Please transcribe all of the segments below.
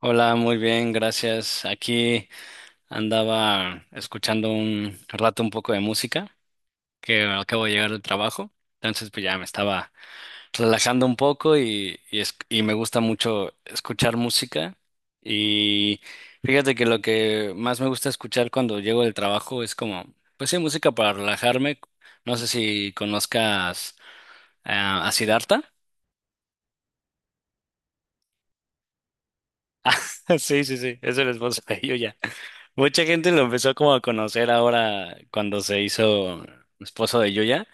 Hola, muy bien, gracias. Aquí andaba escuchando un rato un poco de música, que acabo de llegar del trabajo, entonces pues ya me estaba relajando un poco y me gusta mucho escuchar música y fíjate que lo que más me gusta escuchar cuando llego del trabajo es como, pues sí, música para relajarme. No sé si conozcas a Siddhartha. Sí, sí, sí, es el esposo de ya. Mucha gente lo empezó como a conocer ahora cuando se hizo esposo de Yuya,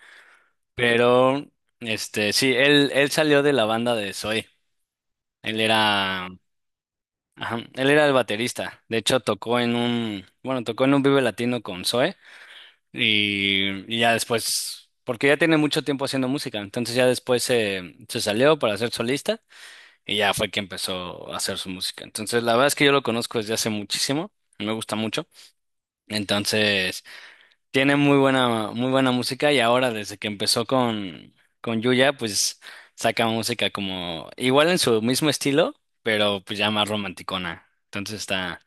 pero este sí, él salió de la banda de Zoe. Él era, ajá, él era el baterista. De hecho, tocó en un Vive Latino con Zoe y ya después, porque ya tiene mucho tiempo haciendo música, entonces ya después se salió para ser solista y ya fue que empezó a hacer su música. Entonces, la verdad es que yo lo conozco desde hace muchísimo, me gusta mucho. Entonces... Tiene muy buena música y ahora desde que empezó con Yuya, pues saca música como igual en su mismo estilo, pero pues ya más romanticona. Entonces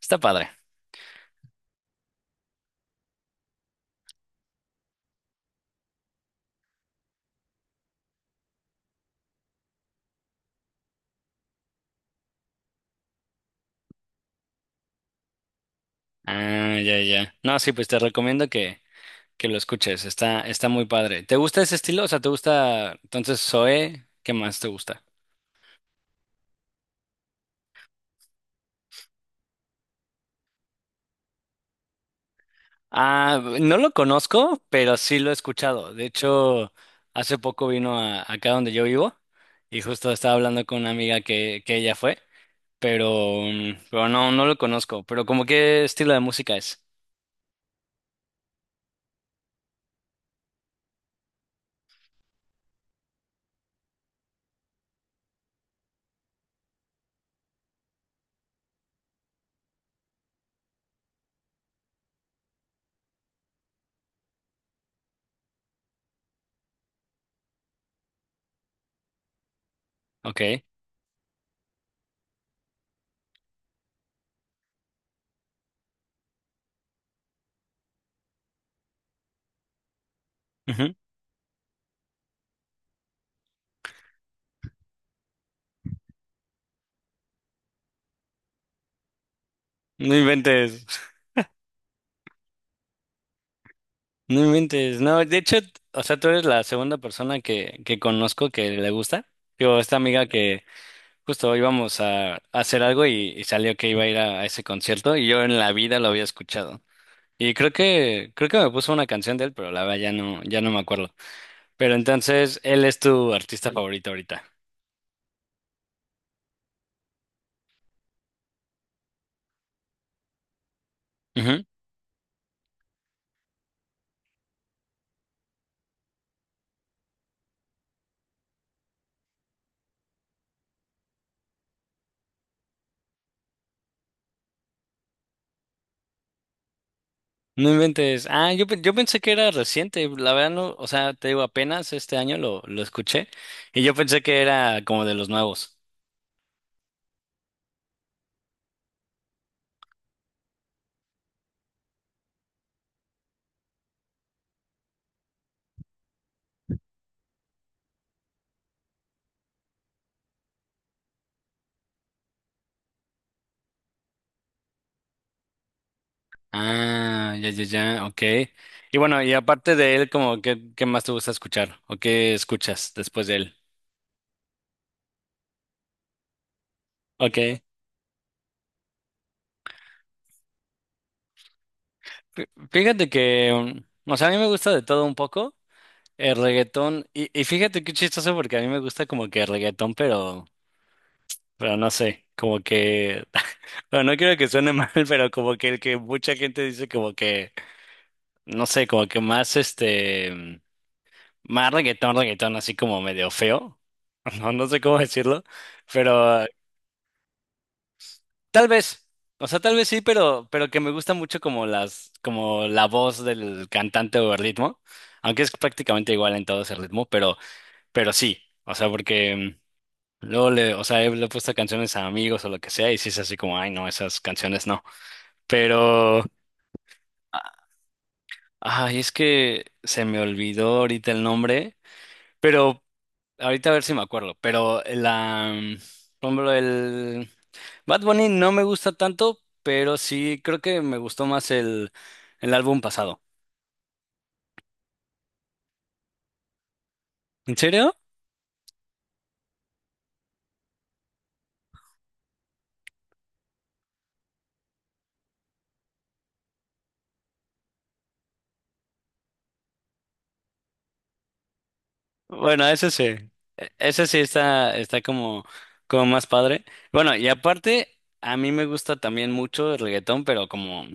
está padre. Ah, ya, ya. No, sí, pues te recomiendo que lo escuches. Está muy padre. ¿Te gusta ese estilo? O sea, ¿te gusta entonces Zoé? ¿Qué más te gusta? Ah, no lo conozco, pero sí lo he escuchado. De hecho, hace poco vino a, acá donde yo vivo y justo estaba hablando con una amiga que ella fue, pero, pero no, no lo conozco. Pero como qué estilo de música es. Ok. Ujú. No inventes. No inventes. No, de hecho, o sea, tú eres la segunda persona que conozco que le gusta. Yo esta amiga que a hacer algo y salió que iba a ir a ese concierto y yo en la vida lo había escuchado. Y creo que me puso una canción de él, pero la verdad ya no me acuerdo. Pero entonces, él es tu artista favorito ahorita. Ujú. No inventes. Ah, yo pensé que era reciente. La verdad no, o sea, te digo, apenas este año lo escuché. Y yo pensé que era como de los nuevos. Ah, ya, ya, ya, ok. Y bueno, y aparte de él, como qué más te gusta escuchar o qué escuchas después de él. Ok. Fíjate que o sea, a mí me gusta de todo un poco. El reggaetón, y fíjate qué chistoso porque a mí me gusta como que el reggaetón, pero no sé, como que, bueno, no quiero que suene mal, pero como que el que mucha gente dice como que, no sé, como que más este, más reggaetón, reggaetón, así como medio feo, no, no sé cómo decirlo, pero tal vez, o sea, tal vez sí, pero que me gusta mucho como como la voz del cantante o el ritmo, aunque es prácticamente igual en todo ese ritmo, pero sí, o sea, porque... Luego o sea, le he puesto canciones a amigos o lo que sea, y sí es así como, ay, no, esas canciones no. Pero, a- ay, es que se me olvidó ahorita el nombre, pero ahorita a ver si me acuerdo. Pero por ejemplo, el Bad Bunny no me gusta tanto, pero sí creo que me gustó más el álbum pasado. ¿En serio? Bueno, ese sí. Ese sí está como, como más padre. Bueno, y aparte, a mí me gusta también mucho el reggaetón, pero como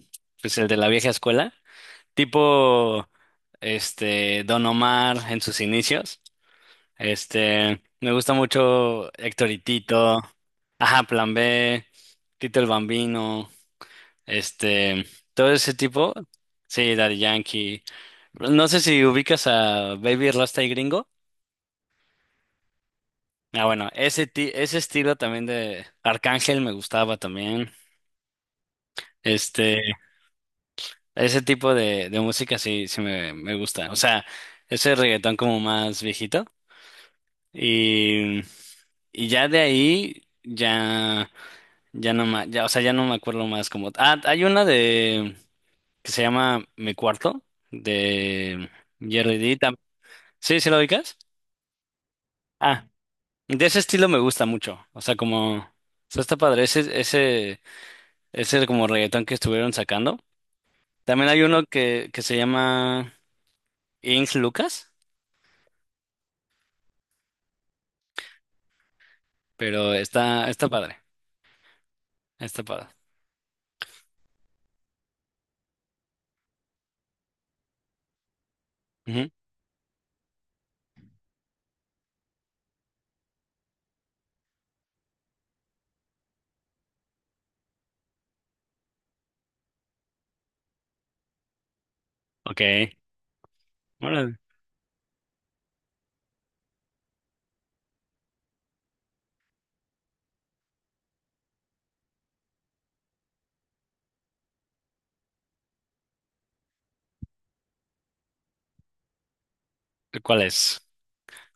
pues el de la vieja escuela, tipo este Don Omar en sus inicios. Este, me gusta mucho Héctor y Tito, ajá, Plan B, Tito el Bambino, este, todo ese tipo. Sí, Daddy Yankee. No sé si ubicas a Baby Rasta y Gringo. Ah, bueno, ese, ese estilo también de Arcángel me gustaba también. Este, ese tipo de música sí, me gusta. O sea, ese reggaetón como más viejito. Y, y ya de ahí, ya, ya no ma- ya, o sea, ya no me acuerdo más como. Ah, hay una de que se llama Mi Cuarto, de Jerry D. ¿Sí, sí lo ubicas? Ah, de ese estilo me gusta mucho. O sea, como. O sea, está padre. Ese, ese. Ese es como reggaetón que estuvieron sacando. También hay uno que se llama Ink Lucas, pero está, está padre. Está padre. Ujú. Ok. Órale. ¿Cuál es?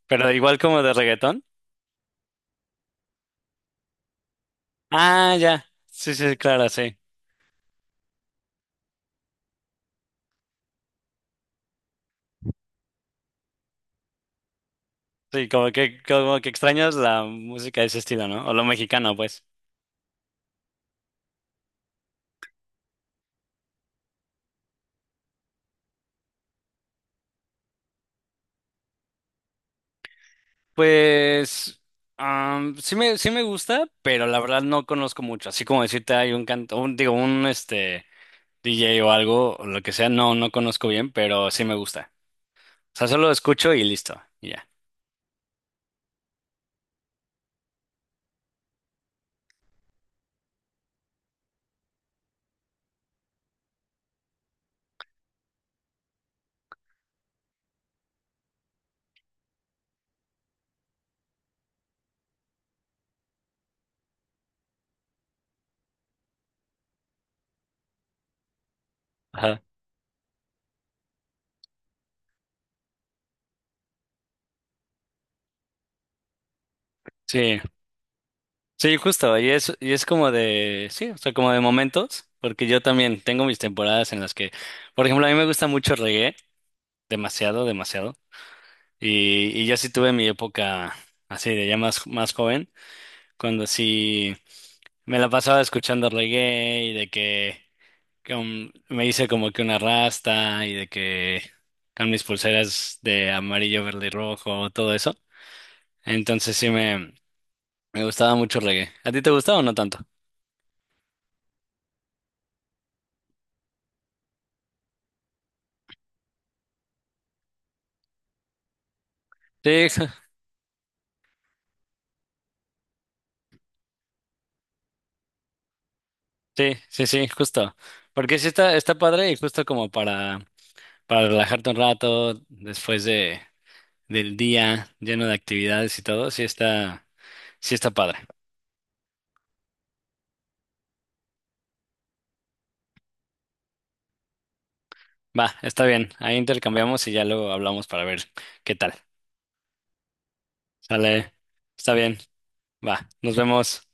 Pero igual como de reggaetón. Ah, ya. Sí, sí, claro, sí. Sí, como que extrañas la música de ese estilo, ¿no? O lo mexicano, pues. Pues sí me gusta, pero la verdad no conozco mucho. Así como decirte hay un canto, digo, un este. DJ o algo, o lo que sea, no, no conozco bien, pero sí me gusta. O sea, solo escucho y listo, y ya. Ajá. Sí, sí, justo, y es como de, sí, o sea, como de momentos, porque yo también tengo mis temporadas en las que, por ejemplo, a mí me gusta mucho reggae, demasiado, demasiado, y yo sí tuve mi época así de ya más, más joven, cuando sí me la pasaba escuchando reggae y de que... me hice como que una rasta y de que con mis pulseras de amarillo, verde y rojo, todo eso. Entonces me gustaba mucho el reggae. ¿A ti te gustaba o no tanto? Sí, sí, sí, sí, justo. Porque sí está, está padre y justo como para relajarte un rato después de, del día lleno de actividades y todo, sí está padre. Va, está bien. Ahí intercambiamos y ya luego hablamos para ver qué tal. Sale, está bien. Va, nos vemos.